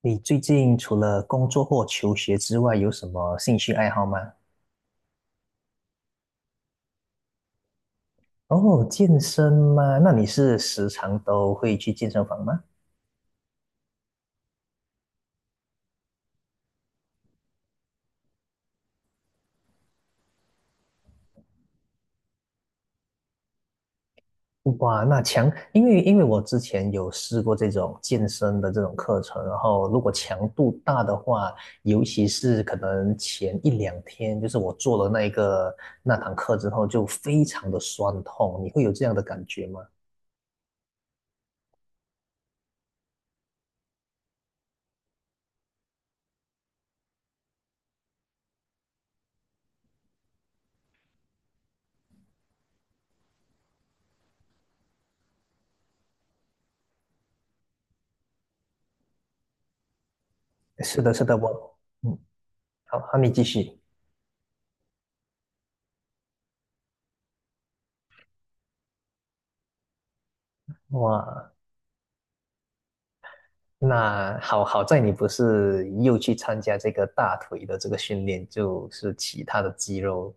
你最近除了工作或求学之外，有什么兴趣爱好吗？哦，健身吗？那你是时常都会去健身房吗？哇，那强，因为我之前有试过这种健身的这种课程，然后如果强度大的话，尤其是可能前一两天，就是我做了那一个那堂课之后，就非常的酸痛，你会有这样的感觉吗？是的，是的，我，嗯，好，好，你继续。哇，那好在你不是又去参加这个大腿的这个训练，就是其他的肌肉。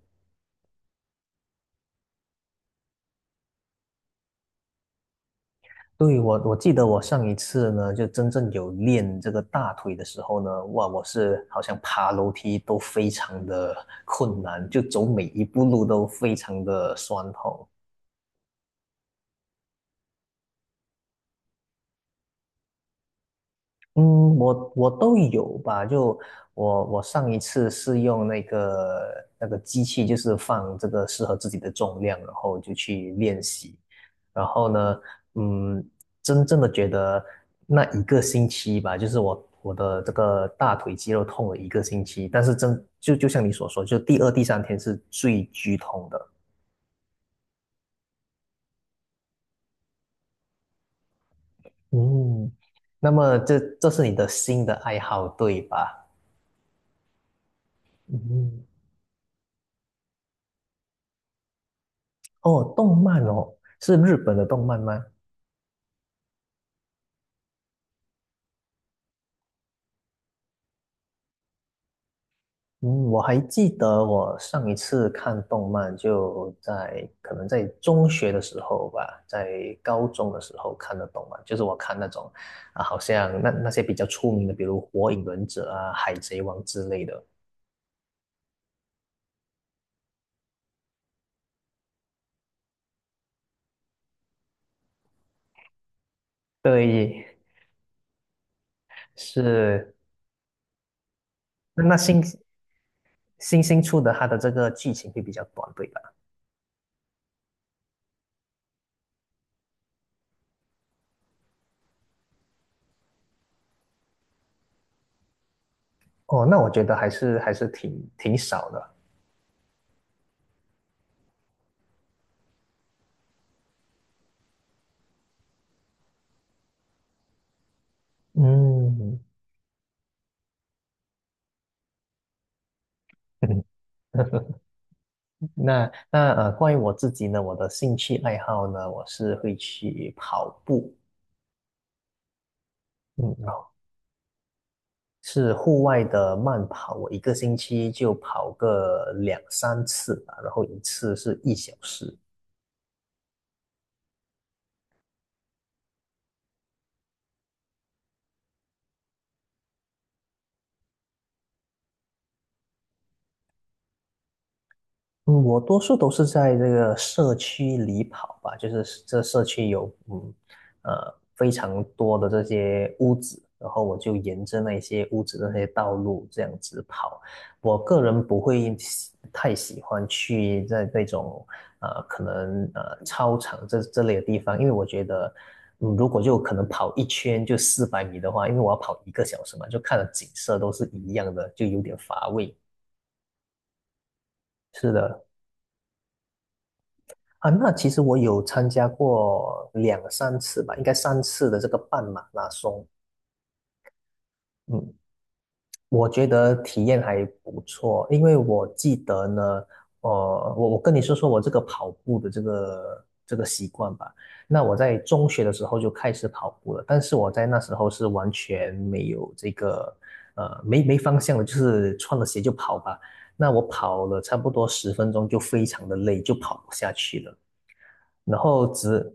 对，我记得我上一次呢，就真正有练这个大腿的时候呢，哇，我是好像爬楼梯都非常的困难，就走每一步路都非常的酸痛。嗯，我都有吧。就我上一次是用那个机器，就是放这个适合自己的重量，然后就去练习。然后呢，嗯，真正的觉得那一个星期吧，就是我的这个大腿肌肉痛了一个星期，但是真就就像你所说，就第二、第三天是最剧痛的。嗯，那么这是你的新的爱好，对吧？嗯。哦，动漫哦，是日本的动漫吗？嗯，我还记得我上一次看动漫就在可能在中学的时候吧，在高中的时候看的动漫，就是我看那种啊，好像那些比较出名的，比如《火影忍者》啊、《海贼王》之类的。对，是那新出的，它的这个剧情会比较短，对吧？哦，那我觉得还是挺少的。嗯。那那呃，关于我自己呢，我的兴趣爱好呢，我是会去跑步，嗯，然后是户外的慢跑，我一个星期就跑个两三次吧，然后一次是一小时。嗯，我多数都是在这个社区里跑吧，就是这社区有非常多的这些屋子，然后我就沿着那些屋子的那些道路这样子跑。我个人不会太喜欢去在那种可能操场这类的地方，因为我觉得如果就可能跑一圈就400米的话，因为我要跑一个小时嘛，就看的景色都是一样的，就有点乏味。是的。啊，那其实我有参加过两三次吧，应该三次的这个半马拉松。嗯，我觉得体验还不错，因为我记得呢，我跟你说说我这个跑步的这个习惯吧。那我在中学的时候就开始跑步了，但是我在那时候是完全没有这个没方向的，就是穿了鞋就跑吧。那我跑了差不多十分钟就非常的累，就跑不下去了。然后只。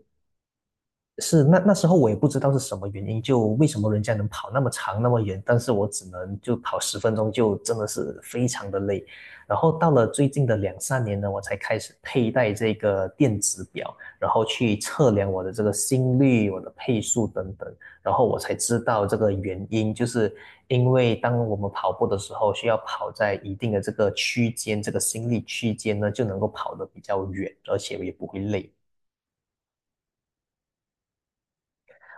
是那时候我也不知道是什么原因，就为什么人家能跑那么长那么远，但是我只能就跑十分钟，就真的是非常的累。然后到了最近的两三年呢，我才开始佩戴这个电子表，然后去测量我的这个心率、我的配速等等，然后我才知道这个原因，就是因为当我们跑步的时候，需要跑在一定的这个区间，这个心率区间呢，就能够跑得比较远，而且也不会累。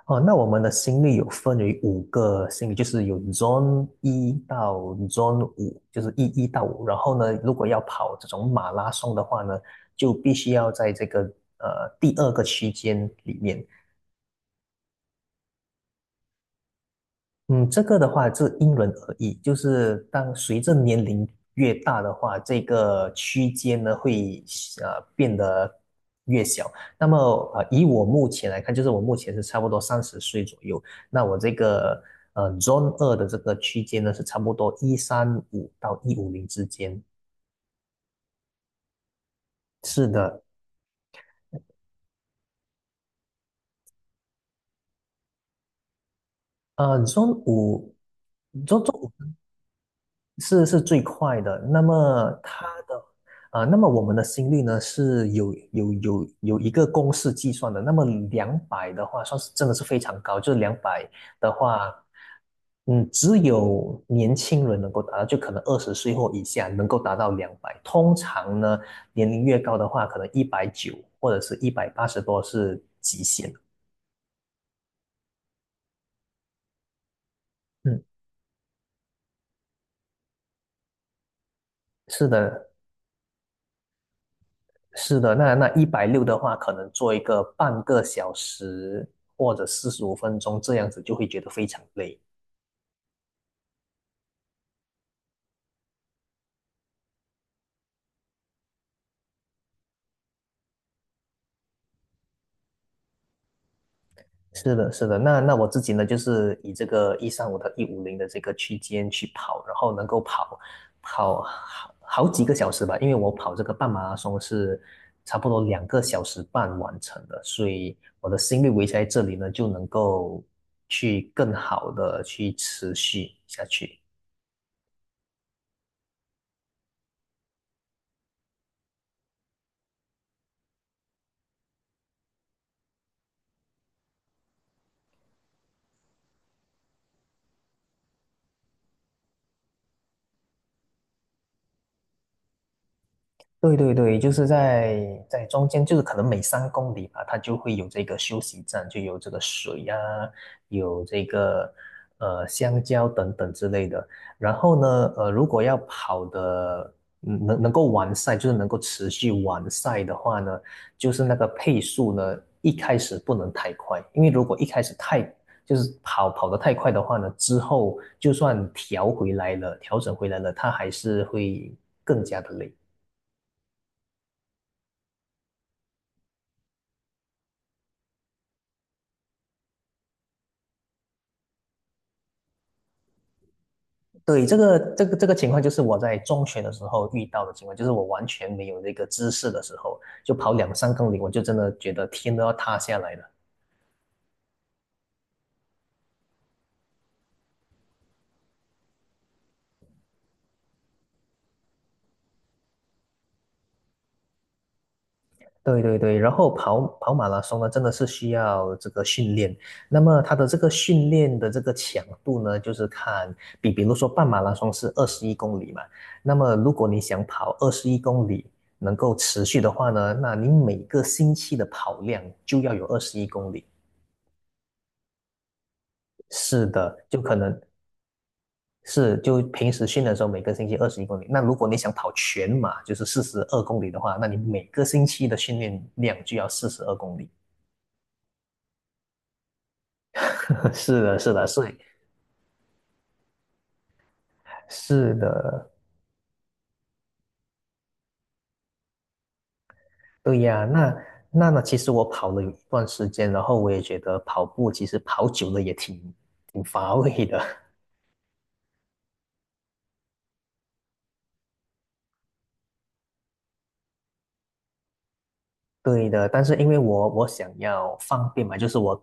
哦，那我们的心率有分为五个心率，就是有 Zone 1到 Zone 5，就是一到五。然后呢，如果要跑这种马拉松的话呢，就必须要在这个第二个区间里面，嗯，这个的话是因人而异，就是当随着年龄越大的话，这个区间呢会变得越小。那么以我目前来看，就是我目前是差不多30岁左右，那我这个Zone 2的这个区间呢是差不多一三五到一五零之间。是的，Zone 五，Zone 五。是最快的。那么它的那么我们的心率呢是有一个公式计算的。那么两百的话，算是真的是非常高，就是两百的话，嗯，只有年轻人能够达到，就可能20岁或以下能够达到两百。通常呢，年龄越高的话，可能190或者是180多是极限。嗯，是的，是的，那160的话，可能做一个半个小时或者45分钟这样子，就会觉得非常累。是的，是的。那我自己呢，就是以这个一三五到一五零的这个区间去跑，然后能够跑好几个小时吧，因为我跑这个半马拉松是差不多两个小时半完成的，所以我的心率维持在这里呢，就能够去更好的去持续下去。对对对，就是在中间，就是可能每三公里吧，它就会有这个休息站，就有这个水啊，有这个香蕉等等之类的。然后呢，如果要跑的能够完赛，就是能够持续完赛的话呢，就是那个配速呢，一开始不能太快，因为如果一开始就是跑得太快的话呢，之后就算调回来了，调整回来了，它还是会更加的累。对，这个情况就是我在中学的时候遇到的情况，就是我完全没有那个知识的时候，就跑两三公里，我就真的觉得天都要塌下来了。对对对，然后跑马拉松呢，真的是需要这个训练。那么它的这个训练的这个强度呢，就是看比如说半马拉松是二十一公里嘛，那么如果你想跑二十一公里能够持续的话呢，那你每个星期的跑量就要有二十一公里。是的，就可能是就平时训练的时候，每个星期二十一公里。那如果你想跑全马，就是四十二公里的话，那你每个星期的训练量就要四十二公里。是的，是的，是的，对呀。那那那，其实我跑了有一段时间，然后我也觉得跑步其实跑久了也挺乏味的。对的，但是因为我想要方便嘛，就是我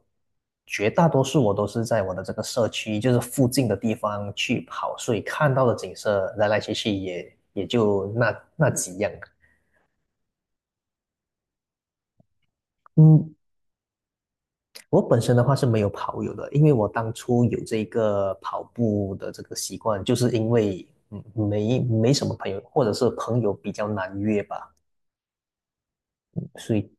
绝大多数我都是在我的这个社区，就是附近的地方去跑，所以看到的景色来来去去也就那几样。嗯，我本身的话是没有跑友的，因为我当初有这个跑步的这个习惯，就是因为没什么朋友，或者是朋友比较难约吧，所以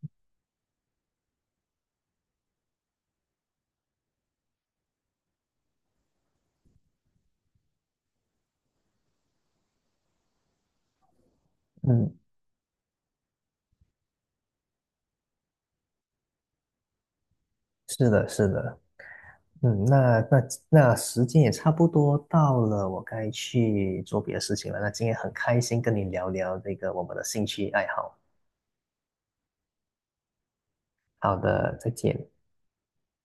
嗯是的是的。嗯，那时间也差不多到了，我该去做别的事情了。那今天很开心跟你聊聊这个我们的兴趣爱好。好的，再见。